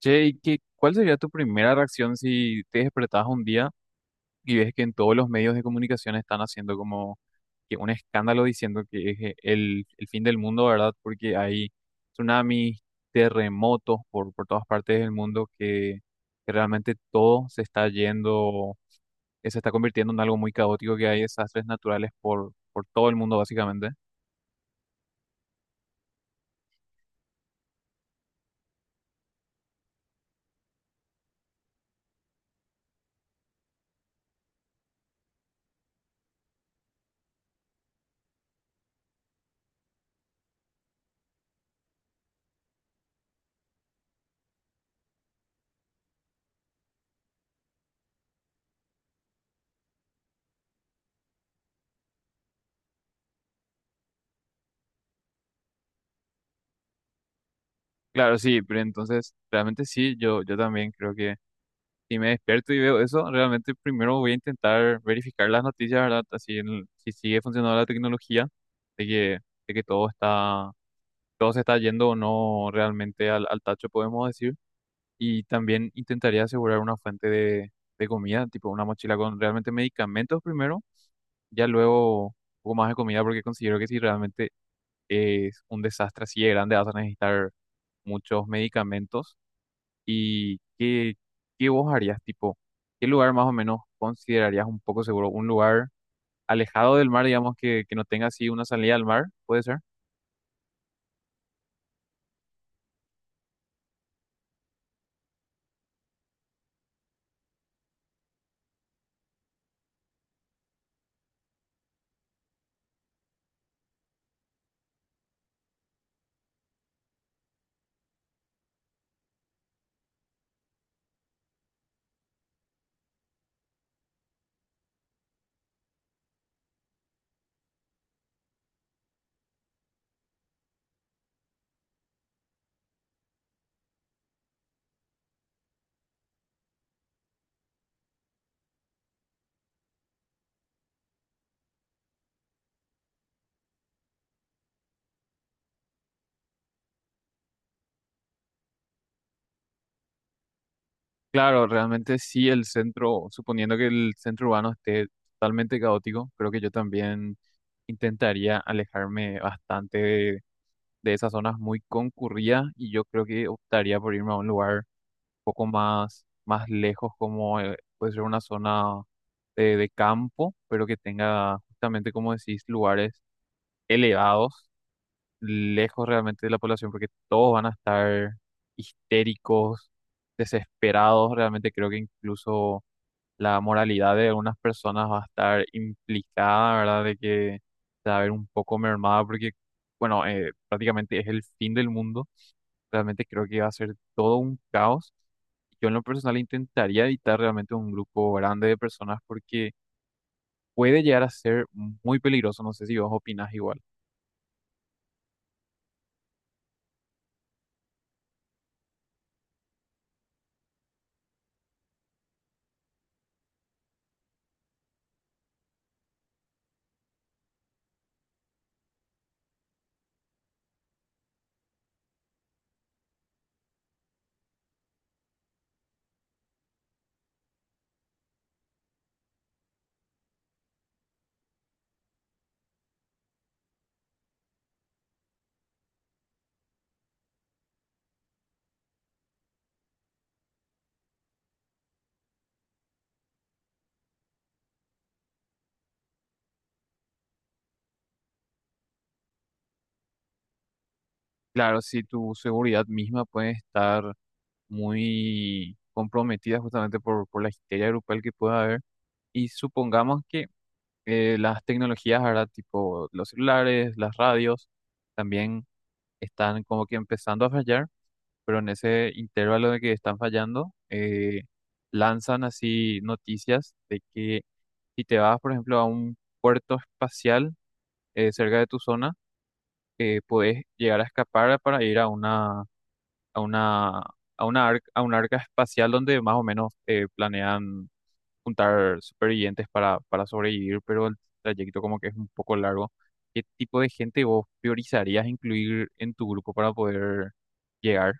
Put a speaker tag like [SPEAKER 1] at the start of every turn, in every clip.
[SPEAKER 1] Che, ¿y qué, cuál sería tu primera reacción si te despertás un día y ves que en todos los medios de comunicación están haciendo como que un escándalo diciendo que es el fin del mundo, ¿verdad? Porque hay tsunamis, terremotos por todas partes del mundo que realmente todo se está yendo, que se está convirtiendo en algo muy caótico, que hay desastres naturales por todo el mundo básicamente. Claro, sí, pero entonces realmente sí, yo también creo que si me despierto y veo eso, realmente primero voy a intentar verificar las noticias, ¿verdad? Así si sigue funcionando la tecnología, de que, de que todo está, todo se está yendo o no realmente al tacho, podemos decir. Y también intentaría asegurar una fuente de comida, tipo una mochila con realmente medicamentos primero, ya luego un poco más de comida, porque considero que si realmente es un desastre así de grande, vas a necesitar muchos medicamentos. ¿Y qué, ¿qué vos harías? Tipo, ¿qué lugar más o menos considerarías un poco seguro? ¿Un lugar alejado del mar, digamos, que no tenga así una salida al mar? ¿Puede ser? Claro, realmente sí el centro, suponiendo que el centro urbano esté totalmente caótico, creo que yo también intentaría alejarme bastante de esas zonas muy concurridas y yo creo que optaría por irme a un lugar poco más, más lejos, como puede ser una zona de campo, pero que tenga justamente, como decís, lugares elevados, lejos realmente de la población, porque todos van a estar histéricos, desesperados. Realmente creo que incluso la moralidad de algunas personas va a estar implicada, ¿verdad? De que se va a ver un poco mermada, porque, bueno, prácticamente es el fin del mundo. Realmente creo que va a ser todo un caos. Yo en lo personal intentaría evitar realmente un grupo grande de personas porque puede llegar a ser muy peligroso. No sé si vos opinás igual. Claro, si tu seguridad misma puede estar muy comprometida justamente por la histeria grupal que pueda haber. Y supongamos que las tecnologías ahora, tipo los celulares, las radios, también están como que empezando a fallar, pero en ese intervalo de que están fallando, lanzan así noticias de que si te vas, por ejemplo, a un puerto espacial cerca de tu zona, podés llegar a escapar para ir a una, a una, a una arca espacial donde más o menos planean juntar supervivientes para sobrevivir, pero el trayecto como que es un poco largo. ¿Qué tipo de gente vos priorizarías incluir en tu grupo para poder llegar?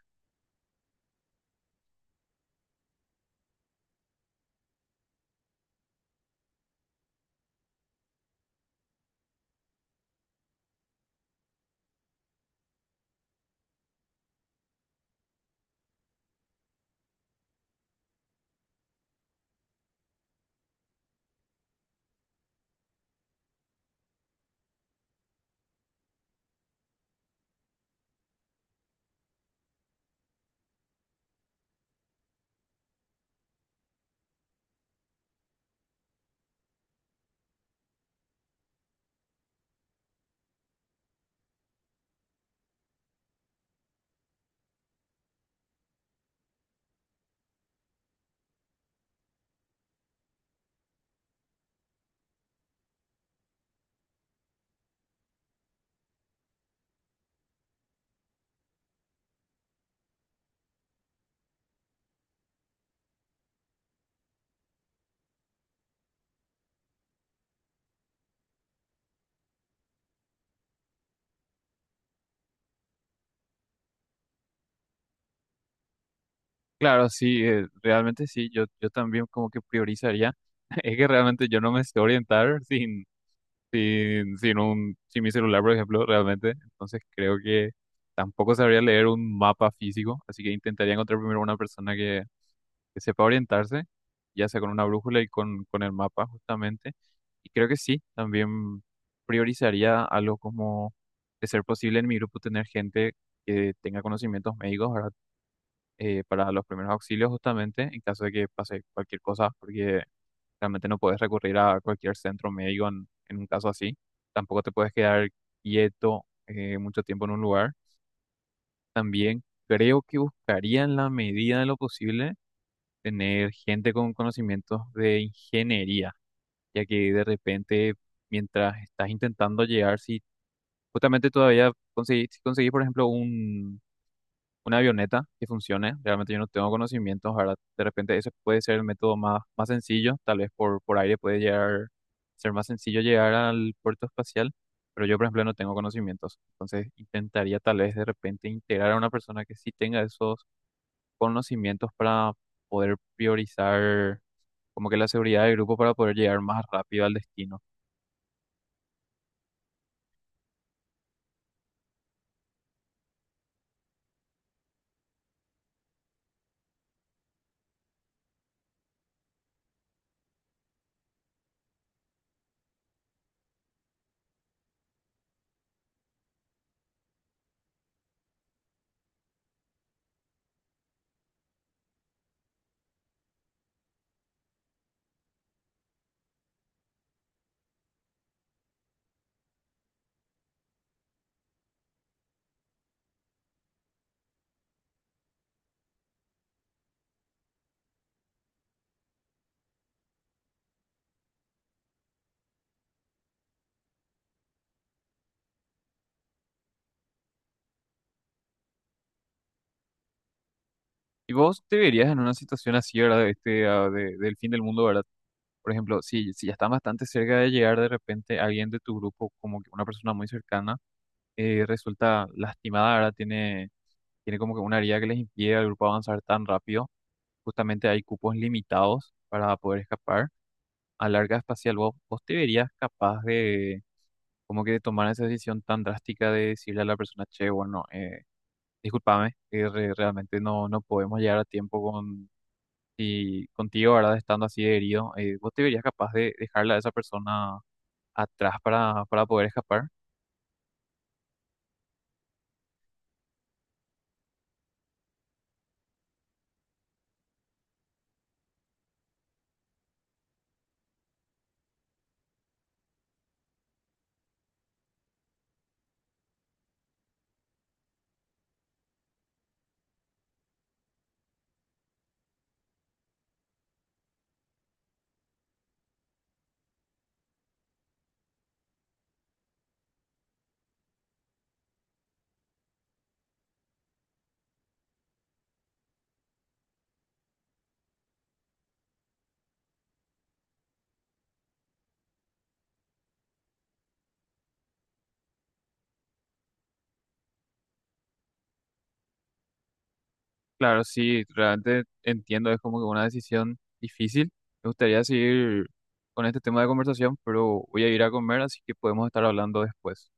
[SPEAKER 1] Claro, sí, realmente sí, yo también como que priorizaría. Es que realmente yo no me sé orientar sin sin mi celular, por ejemplo, realmente. Entonces creo que tampoco sabría leer un mapa físico, así que intentaría encontrar primero una persona que sepa orientarse, ya sea con una brújula y con el mapa justamente. Y creo que sí, también priorizaría algo como de ser posible en mi grupo tener gente que tenga conocimientos médicos, ¿verdad? Para los primeros auxilios justamente en caso de que pase cualquier cosa, porque realmente no puedes recurrir a cualquier centro médico en un caso así. Tampoco te puedes quedar quieto mucho tiempo en un lugar. También creo que buscaría en la medida de lo posible tener gente con conocimientos de ingeniería, ya que de repente mientras estás intentando llegar, si justamente todavía conseguís, si conseguís, por ejemplo, un una avioneta que funcione. Realmente yo no tengo conocimientos, ¿verdad? De repente ese puede ser el método más, más sencillo, tal vez por aire puede llegar, ser más sencillo llegar al puerto espacial, pero yo, por ejemplo, no tengo conocimientos. Entonces intentaría tal vez de repente integrar a una persona que sí tenga esos conocimientos para poder priorizar como que la seguridad del grupo para poder llegar más rápido al destino. ¿Y vos te verías en una situación así, ¿verdad? De Este, ah, de- del fin del mundo, ¿verdad? Por ejemplo, si ya están bastante cerca de llegar, de repente alguien de tu grupo, como que una persona muy cercana, resulta lastimada, ahora tiene, tiene como que una herida que les impide al grupo avanzar tan rápido. Justamente hay cupos limitados para poder escapar. A larga espacial, vos te verías capaz de como que de tomar esa decisión tan drástica de decirle a la persona, che, bueno, discúlpame, realmente no, no podemos llegar a tiempo y contigo, ¿verdad? Estando así de herido, ¿vos te verías capaz de dejarla a esa persona atrás para poder escapar? Claro, sí, realmente entiendo, es como que una decisión difícil. Me gustaría seguir con este tema de conversación, pero voy a ir a comer, así que podemos estar hablando después.